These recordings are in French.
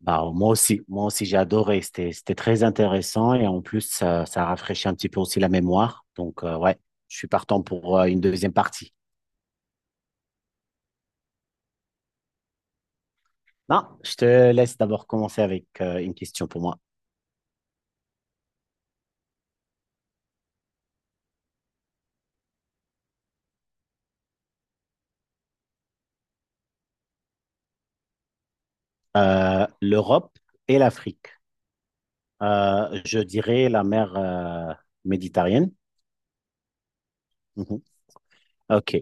Bah, moi aussi j'ai adoré, c'était très intéressant et en plus ça, ça rafraîchit un petit peu aussi la mémoire. Donc ouais, je suis partant pour une deuxième partie. Non, je te laisse d'abord commencer avec une question pour moi. L'Europe et l'Afrique. Je dirais la mer Méditerranée. Mhm. OK.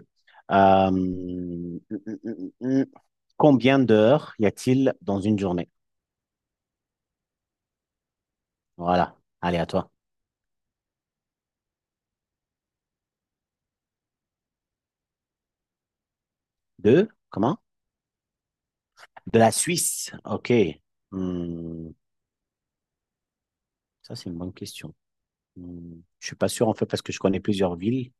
Euh, hum, hum, hum, hum. Combien d'heures y a-t-il dans une journée? Voilà. Allez, à toi. Deux? Comment? De la Suisse? Ok. Hmm, ça, c'est une bonne question. Hmm, je suis pas sûr, en fait, parce que je connais plusieurs villes.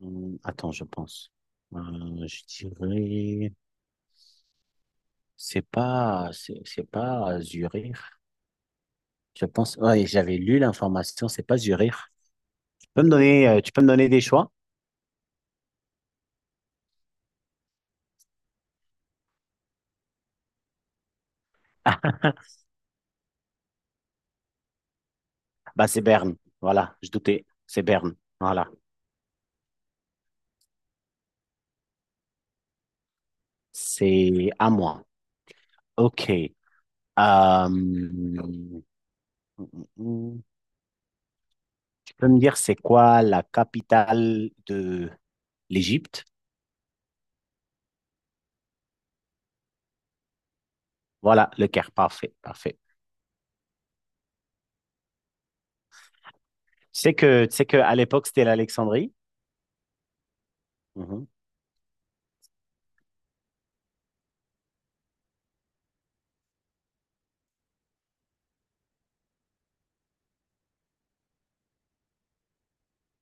Hmm, attends, je pense. Je dirais... C'est pas... C'est pas Zurich. Je pense... Ouais, j'avais lu l'information, c'est pas Zurich. Tu peux me donner, tu peux me donner des choix? Ah, bah c'est Berne. Voilà, je doutais. C'est Berne. Voilà. C'est à moi. OK. Euh, hmm, hmm, hmm, hmm. Tu peux me dire c'est quoi la capitale de l'Égypte? Voilà, le Caire, parfait, parfait. Tu sais que à l'époque c'était l'Alexandrie. Mhm.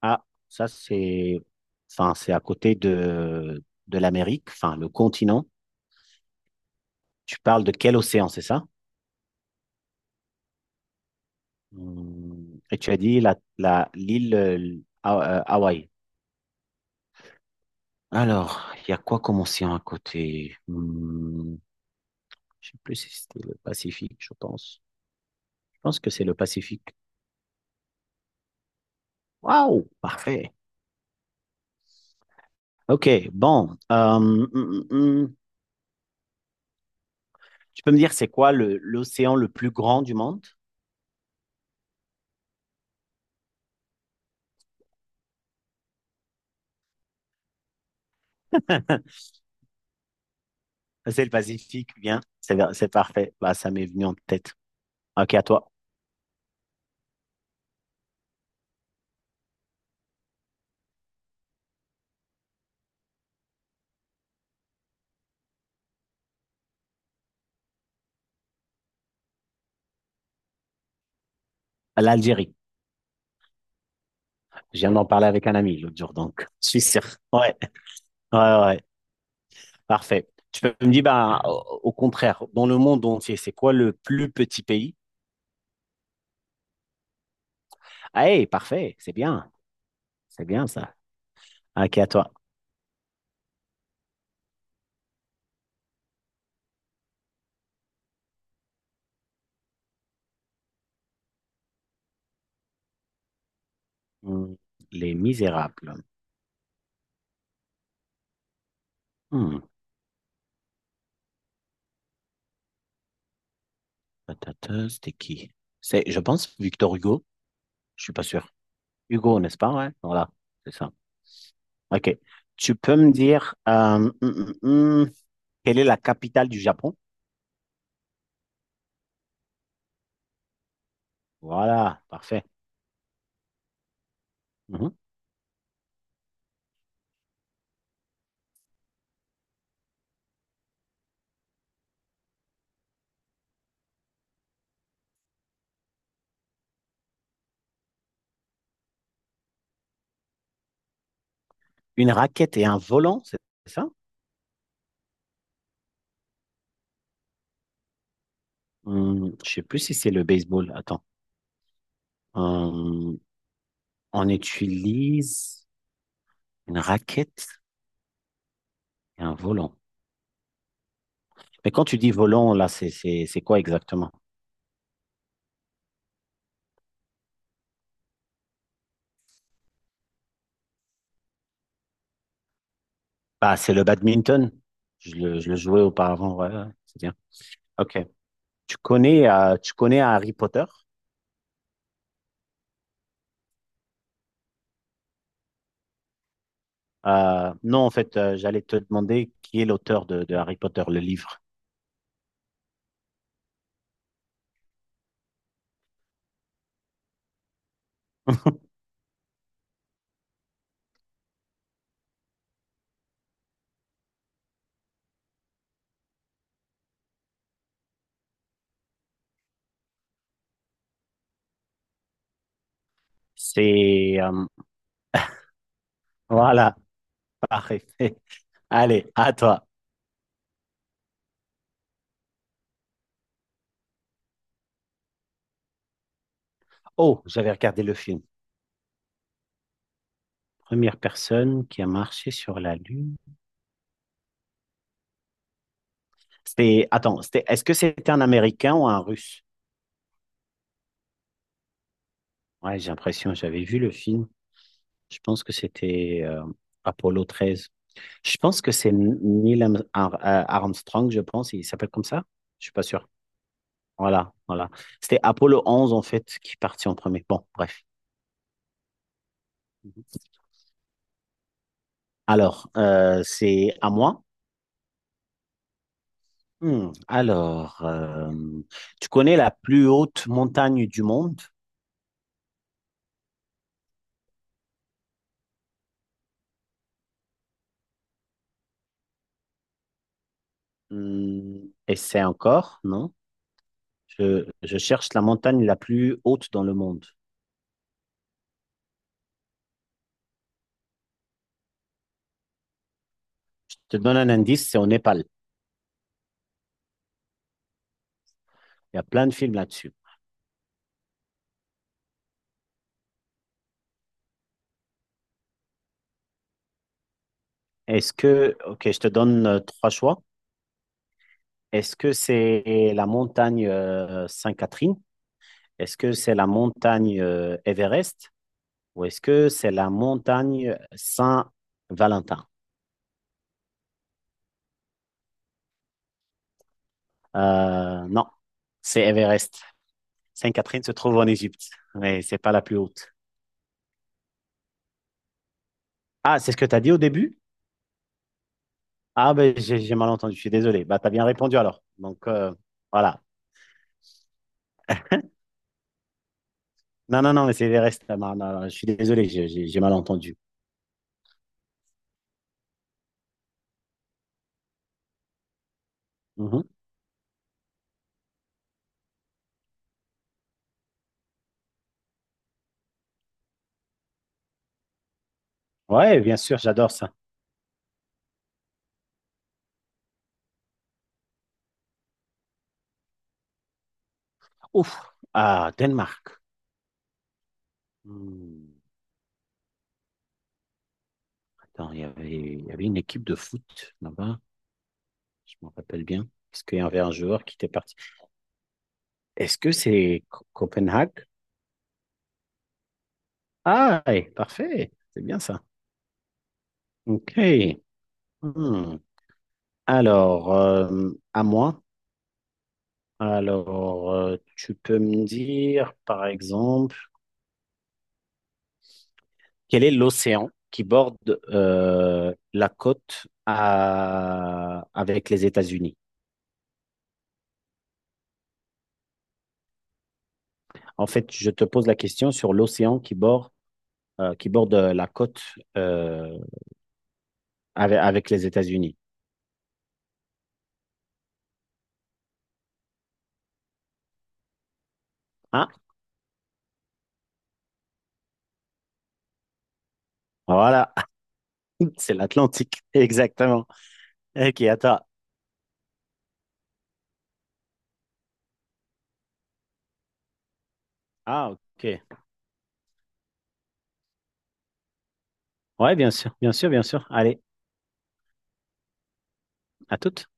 Ah, ça c'est, enfin c'est à côté de l'Amérique, enfin le continent. Tu parles de quel océan, c'est ça? Et tu as dit la l'île Hawaï. Alors, il y a quoi comme océan à côté? Je ne sais plus si c'était le Pacifique, je pense. Je pense que c'est le Pacifique. Waouh, parfait. Ok, bon. Mm, mm. Tu peux me dire c'est quoi l'océan le plus grand du monde? C'est le Pacifique, bien. C'est parfait. Bah, ça m'est venu en tête. Ok, à toi. L'Algérie. Je viens d'en parler avec un ami l'autre jour, donc je suis sûr. Ouais, ouais, ouais. Ouais. Parfait. Tu peux me dire, bah, au contraire, dans le monde entier, c'est quoi le plus petit pays? Ah, hey, parfait. C'est bien. C'est bien ça. Ok, à toi. Hmm, les Misérables. Hmm, C'était qui? C'est, je pense, Victor Hugo. Je suis pas sûr. Hugo, n'est-ce pas? Ouais, voilà, c'est ça. OK. Tu peux me dire hum, quelle est la capitale du Japon? Voilà, parfait. Mhm. Une raquette et un volant, c'est ça? Je sais plus si c'est le baseball. Attends. Hum, on utilise une raquette et un volant. Mais quand tu dis volant, là, c'est quoi exactement? Bah, c'est le badminton. Je le jouais auparavant, ouais, ouais, ouais, c'est bien. OK. Tu connais Harry Potter? Non, en fait, j'allais te demander qui est l'auteur de Harry Potter, le livre. C'est... voilà, parfait. Allez, à toi. Oh, j'avais regardé le film. Première personne qui a marché sur la Lune. C'était... Attends, c'était... est-ce que c'était un Américain ou un Russe? Ouais, j'ai l'impression, j'avais vu le film. Je pense que c'était Apollo 13. Je pense que c'est Neil Armstrong, je pense. Il s'appelle comme ça? Je suis pas sûr. Voilà, voilà. C'était Apollo 11 en fait, qui partit en premier. Bon, bref. Alors, c'est à moi. Hmm, alors, tu connais la plus haute montagne du monde? Hmm, et c'est encore, non? Je cherche la montagne la plus haute dans le monde. Je te donne un indice, c'est au Népal. Il y a plein de films là-dessus. Est-ce que, ok, je te donne trois choix. Est-ce que c'est la montagne Sainte-Catherine? Est-ce que c'est la montagne Everest? Ou est-ce que c'est la montagne Saint-Valentin? Non, c'est Everest. Sainte-Catherine se trouve en Égypte, mais c'est pas la plus haute. Ah, c'est ce que tu as dit au début? Ah, ben j'ai mal entendu, je suis désolé. Bah, tu as bien répondu alors. Donc, voilà. Non, non, non, mais c'est Everest. Ah, non, non, non, je suis désolé, j'ai mal entendu. Mhm. Ouais, bien sûr, j'adore ça. Ouf, ah, Danemark. Hmm. Attends, il y avait une équipe de foot là-bas, je m'en rappelle bien, parce qu'il y avait un joueur qui était parti. Est-ce que c'est Copenhague? Ah, eh, parfait. C'est bien ça. OK. Hmm. Alors, à moi. Alors, tu peux me dire, par exemple, quel est l'océan qui borde la côte avec les États-Unis? En fait, je te pose la question sur l'océan qui borde la côte euh, avec, avec les États-Unis. Ah, voilà, c'est l'Atlantique, exactement. Ok, attends. Ah, ok. Ouais, bien sûr, bien sûr, bien sûr. Allez, à toute.